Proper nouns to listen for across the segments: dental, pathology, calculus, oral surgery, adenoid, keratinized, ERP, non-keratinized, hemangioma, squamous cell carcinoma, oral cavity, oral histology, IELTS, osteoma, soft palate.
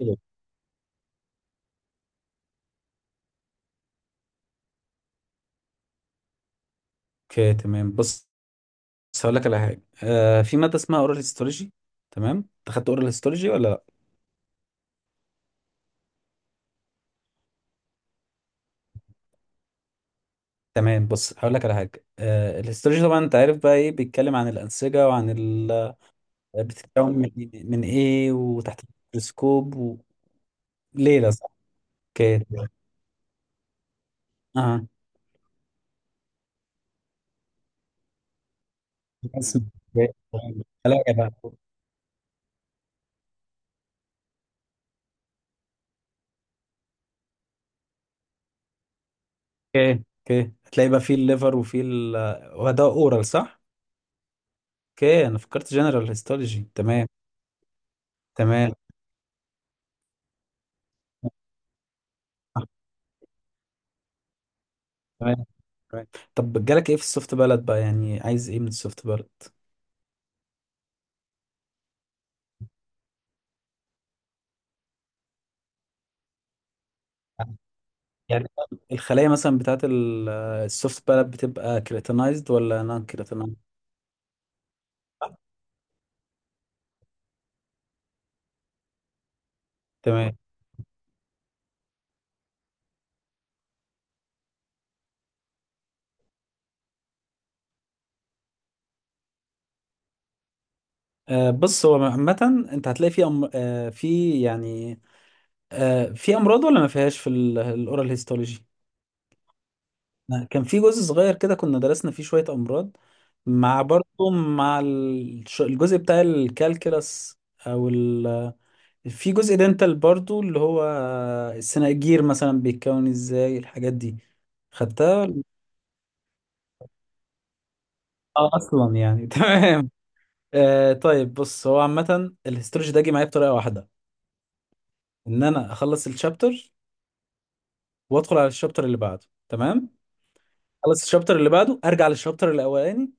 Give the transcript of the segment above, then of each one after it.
اوكي، تمام. بص هقول لك على حاجه، في ماده اسمها اورال هيستولوجي. تمام، انت خدت اورال هيستولوجي ولا لا؟ تمام، بص هقول لك على حاجه. الهيستولوجي طبعا انت عارف بقى، ايه بيتكلم عن الانسجه وعن ال... آه، بتتكون من إيه؟ من ايه وتحت الميكروسكوب وليله، صح؟ اوكي، تمام. اه، بس- هلاقي بقى اوكي. اوكي، هتلاقي بقى في الليفر وفي ال... آه، وده اورال، صح؟ اوكي، انا فكرت جنرال هيستولوجي. تمام، تمام. right. طب، جالك ايه في السوفت بلد بقى؟ يعني عايز ايه من السوفت بلد؟ يعني الخلايا مثلا بتاعت السوفت بلد بتبقى كريتينايزد ولا نون كريتينايزد؟ تمام. بص، هو عامة انت هتلاقي في أم... آه في يعني آه في امراض ولا ما فيهاش في الاورال هيستولوجي؟ كان في جزء صغير كده كنا درسنا فيه شوية امراض، مع برضه مع الجزء بتاع الكالكلس، او في جزء دنتال برضو اللي هو السناجير مثلا بيتكون ازاي، الحاجات دي. خدتها ولا- اه، اصلا يعني تمام. طيب، بص، هو عامة الهيستولوجي ده جه معايا بطريقة واحدة: ان انا اخلص الشابتر وادخل على الشابتر اللي بعده. تمام، اخلص الشابتر اللي بعده، ارجع للشابتر الاولاني.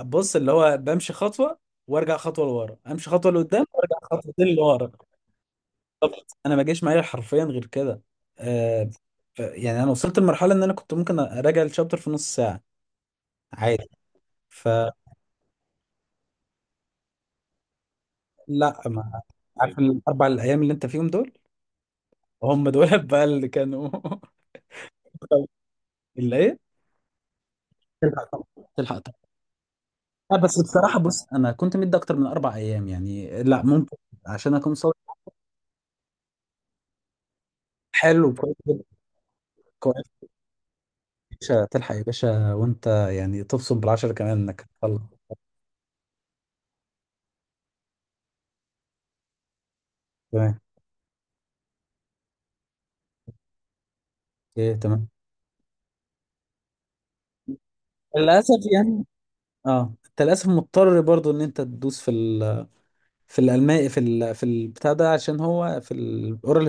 بص اللي هو، بمشي خطوة وارجع خطوة لورا، امشي خطوة لقدام وارجع خطوتين لورا. طب انا ما جاش معايا حرفيا غير كده. آه يعني انا وصلت لمرحلة ان انا كنت ممكن اراجع الشابتر في نص ساعة، عادي. فلا، ما عارف. طيب، الاربع الايام اللي انت فيهم دول، هم دول بقى اللي كانوا اللي ايه. تلحق طبعا، تلحق طبعا. لا بس بصراحه، بص انا كنت مدي اكتر من 4 ايام يعني، لا ممكن، عشان اكون صادق. حلو، كويس جدا. كويس. يا باشا تلحق، يا باشا، وانت يعني تبصم بالعشرة كمان انك تطلع. تمام. ايه، تمام. للاسف يعني. اه، انت للاسف مضطر برضو ان انت تدوس في ال، في الالماني، في البتاع ده، عشان هو في الاورال.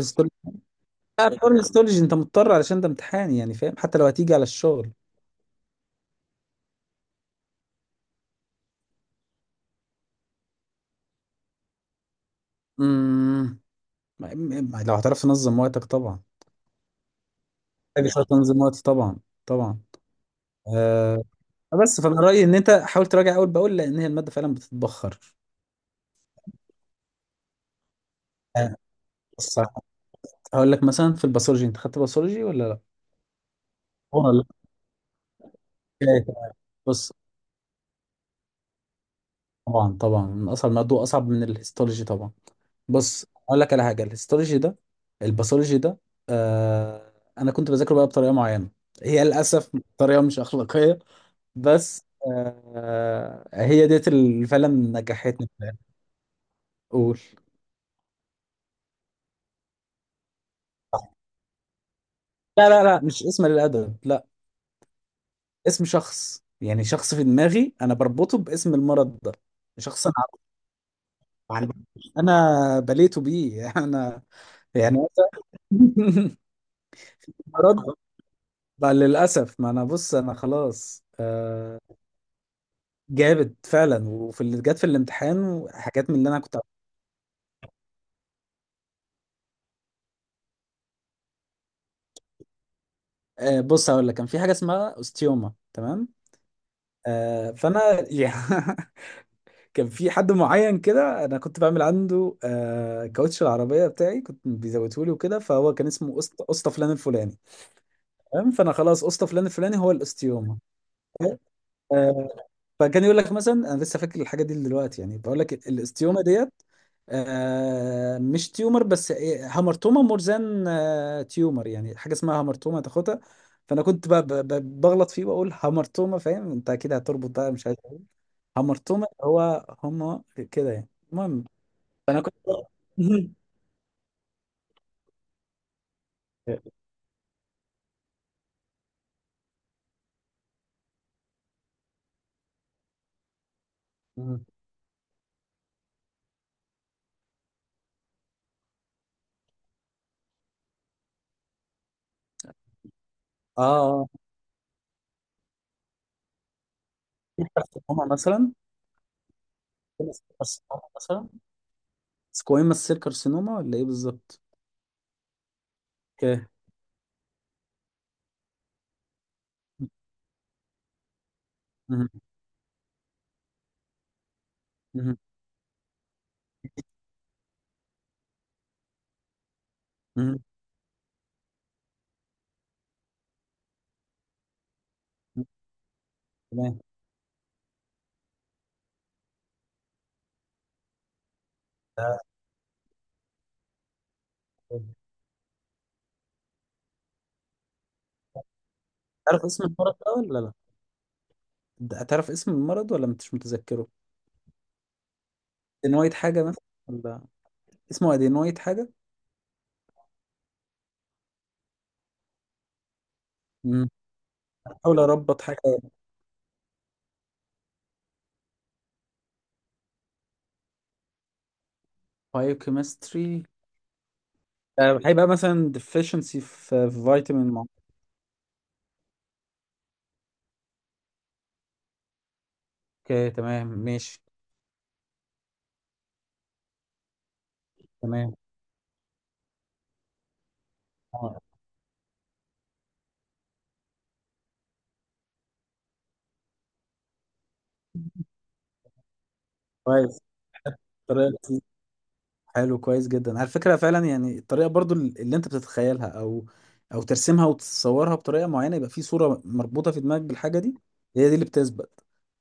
لا، الحوار الاستولوجي انت مضطر، علشان ده امتحان يعني، فاهم؟ حتى لو هتيجي على الشغل. امم لو هتعرف تنظم وقتك طبعا. محتاج شويه تنظيم وقت، طبعا، طبعا. آه بس فانا رايي ان انت حاول تراجع اول باول، لان هي الماده فعلا بتتبخر. آه، بص هقول لك مثلا في الباثولوجي، انت خدت باثولوجي ولا لا؟ اه، لا. اوكي، تمام. بص، طبعا طبعا من اصعب الماده، واصعب من الهيستولوجي طبعا. بص اقول لك على حاجه، الهيستولوجي ده، الباثولوجي ده، آه انا كنت بذاكره بقى بطريقه معينه. هي للاسف طريقه مش اخلاقيه، بس هي ديت اللي فعلا نجحتني في الآخر. قول. لا لا لا، مش اسم للأدب، لا. اسم شخص يعني، شخص في دماغي أنا بربطه باسم المرض ده. شخص أنا عارفه. أنا بليته بيه أنا يعني مرض بقى للأسف. ما أنا بص، أنا خلاص. جابت فعلا، وفي اللي جت في الامتحان حاجات من اللي انا كنت. بص هقول لك، كان في حاجه اسمها استيوما. تمام. فانا يعني كان في حد معين كده انا كنت بعمل عنده، كاوتش العربيه بتاعي كنت بيزوته لي وكده، فهو كان اسمه اسطى، اسطى فلان الفلاني. تمام، فانا خلاص اسطى فلان الفلاني هو الاستيوما. فكان يقول لك مثلا، انا لسه فاكر الحاجه دي دلوقتي يعني، بقول لك الاستيومه ديت. مش تيومر، بس إيه، هامرتوما مرزان، تيومر يعني، حاجه اسمها هامرتوما تاخدها. فانا كنت بغلط فيه واقول هامرتوما، فاهم؟ انت اكيد هتربط بقى، مش عارف. هامرتوما هو، هما كده يعني، المهم. فانا كنت مم. اه، اه. كارسينوما مثلا. كارسينوما مثلا. سكويموس سيل كارسينوما ولا ايه بالظبط؟ اوكي. مهم. مهم. مهم. تمام. ده- تعرف اسم المرض ده ولا لا؟ تعرف اسم المرض ولا مش متذكره؟ ادينويد حاجة مثلا، ولا اسمه ادينويد حاجة؟ مم. بحاول اربط حاجة. بايوكيمستري. هيبقى مثلا deficiency في فيتامين معين. اوكي، تمام، ماشي. تمام. آه، كويس. طريقة حلو، كويس جدا، على فكرة. فعلا يعني الطريقة برضو اللي انت بتتخيلها او ترسمها وتصورها بطريقة معينة، يبقى في صورة مربوطة في دماغك بالحاجة دي، هي دي اللي بتثبت.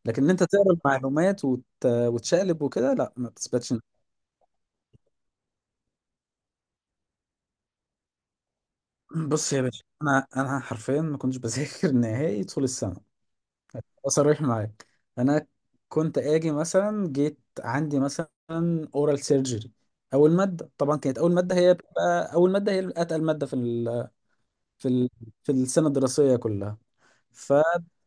لكن ان انت تقرا المعلومات وتشقلب وكده، لا، ما بتثبتش. بص يا باشا، انا حرفيا ما كنتش بذاكر نهائي طول السنة. صريح معاك، انا كنت اجي مثلا، جيت عندي مثلا اورال سيرجري، اول مادة طبعا كانت، اول مادة هي بتبقى، اول مادة هي اتقل مادة في ال... في السنه الدراسيه كلها. فدي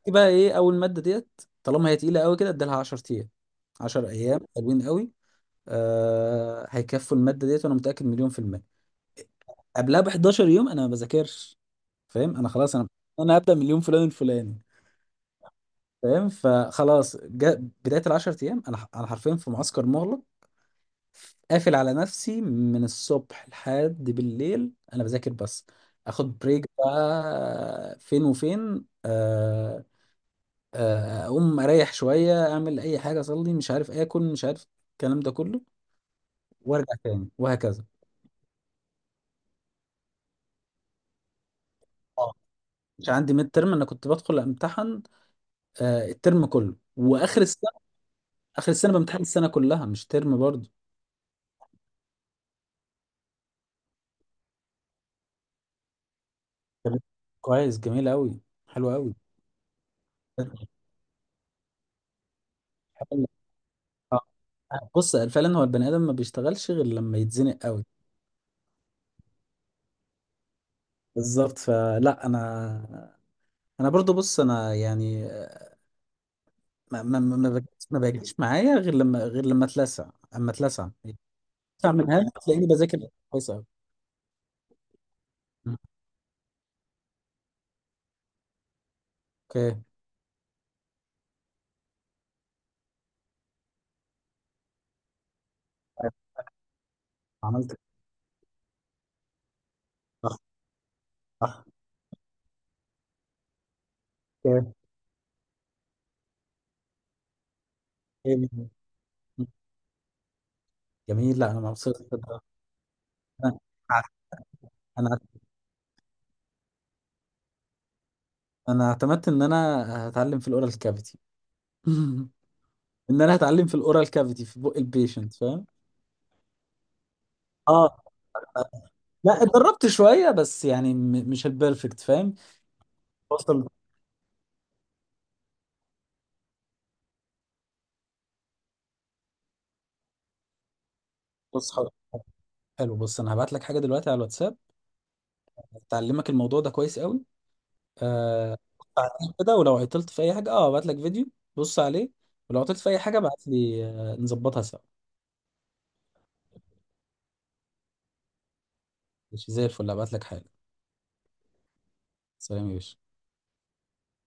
بقى ايه، اول ماده ديت طالما هي تقيله قوي كده، ادالها 10 ايام. 10 ايام حلوين قوي، هيكفوا الماده ديت، وانا متاكد مليون في الميه. قبلها ب 11 يوم انا ما بذاكرش، فاهم؟ انا خلاص، انا هبدا من اليوم فلان الفلاني، فاهم؟ فخلاص، بدايه ال 10 ايام، انا حرفيا في معسكر مغلق، قافل على نفسي من الصبح لحد بالليل، انا بذاكر بس. اخد بريك بقى فين وفين، اقوم اريح شويه، اعمل اي حاجه، اصلي، مش عارف، اكل، مش عارف، الكلام ده كله، وارجع تاني وهكذا. اه، مش عندي ميد ترم، انا كنت بدخل امتحن الترم كله واخر السنه. اخر السنه بامتحن السنه كلها، مش ترم برضه. طب، كويس، جميل قوي. حلو قوي آه. بص فعلا هو البني ادم ما بيشتغلش غير لما يتزنق قوي. بالظبط. فلا انا برضو، بص انا يعني، ما بيجيش معايا غير غير لما اتلسع. اما اتلسع تسعة منها تلاقيني بذاكر كويس أوي. أوكي، طيب. عملت إيه؟ صح. صح. أوكي. إيه. جميل، لا أنا مبسوط كده. أنا أنا أنا اعتمدت إن أنا هتعلم في الأورال كافيتي إن أنا هتعلم في الأورال كافيتي في بق البيشنت، فاهم؟ اه لا، اتدربت شويه بس يعني، مش البيرفكت، فاهم؟ بوصل. بص حلو. حلو، بص انا هبعت لك حاجه دلوقتي على الواتساب تعلمك الموضوع ده كويس قوي. آه ساعتين كده، ولو عطلت في اي حاجه ابعت لك فيديو، بص عليه، ولو عطلت في اي حاجه ابعت لي، نظبطها سوا. ماشي، زي الفل، ابعت لك حالا. سلام يا باشا.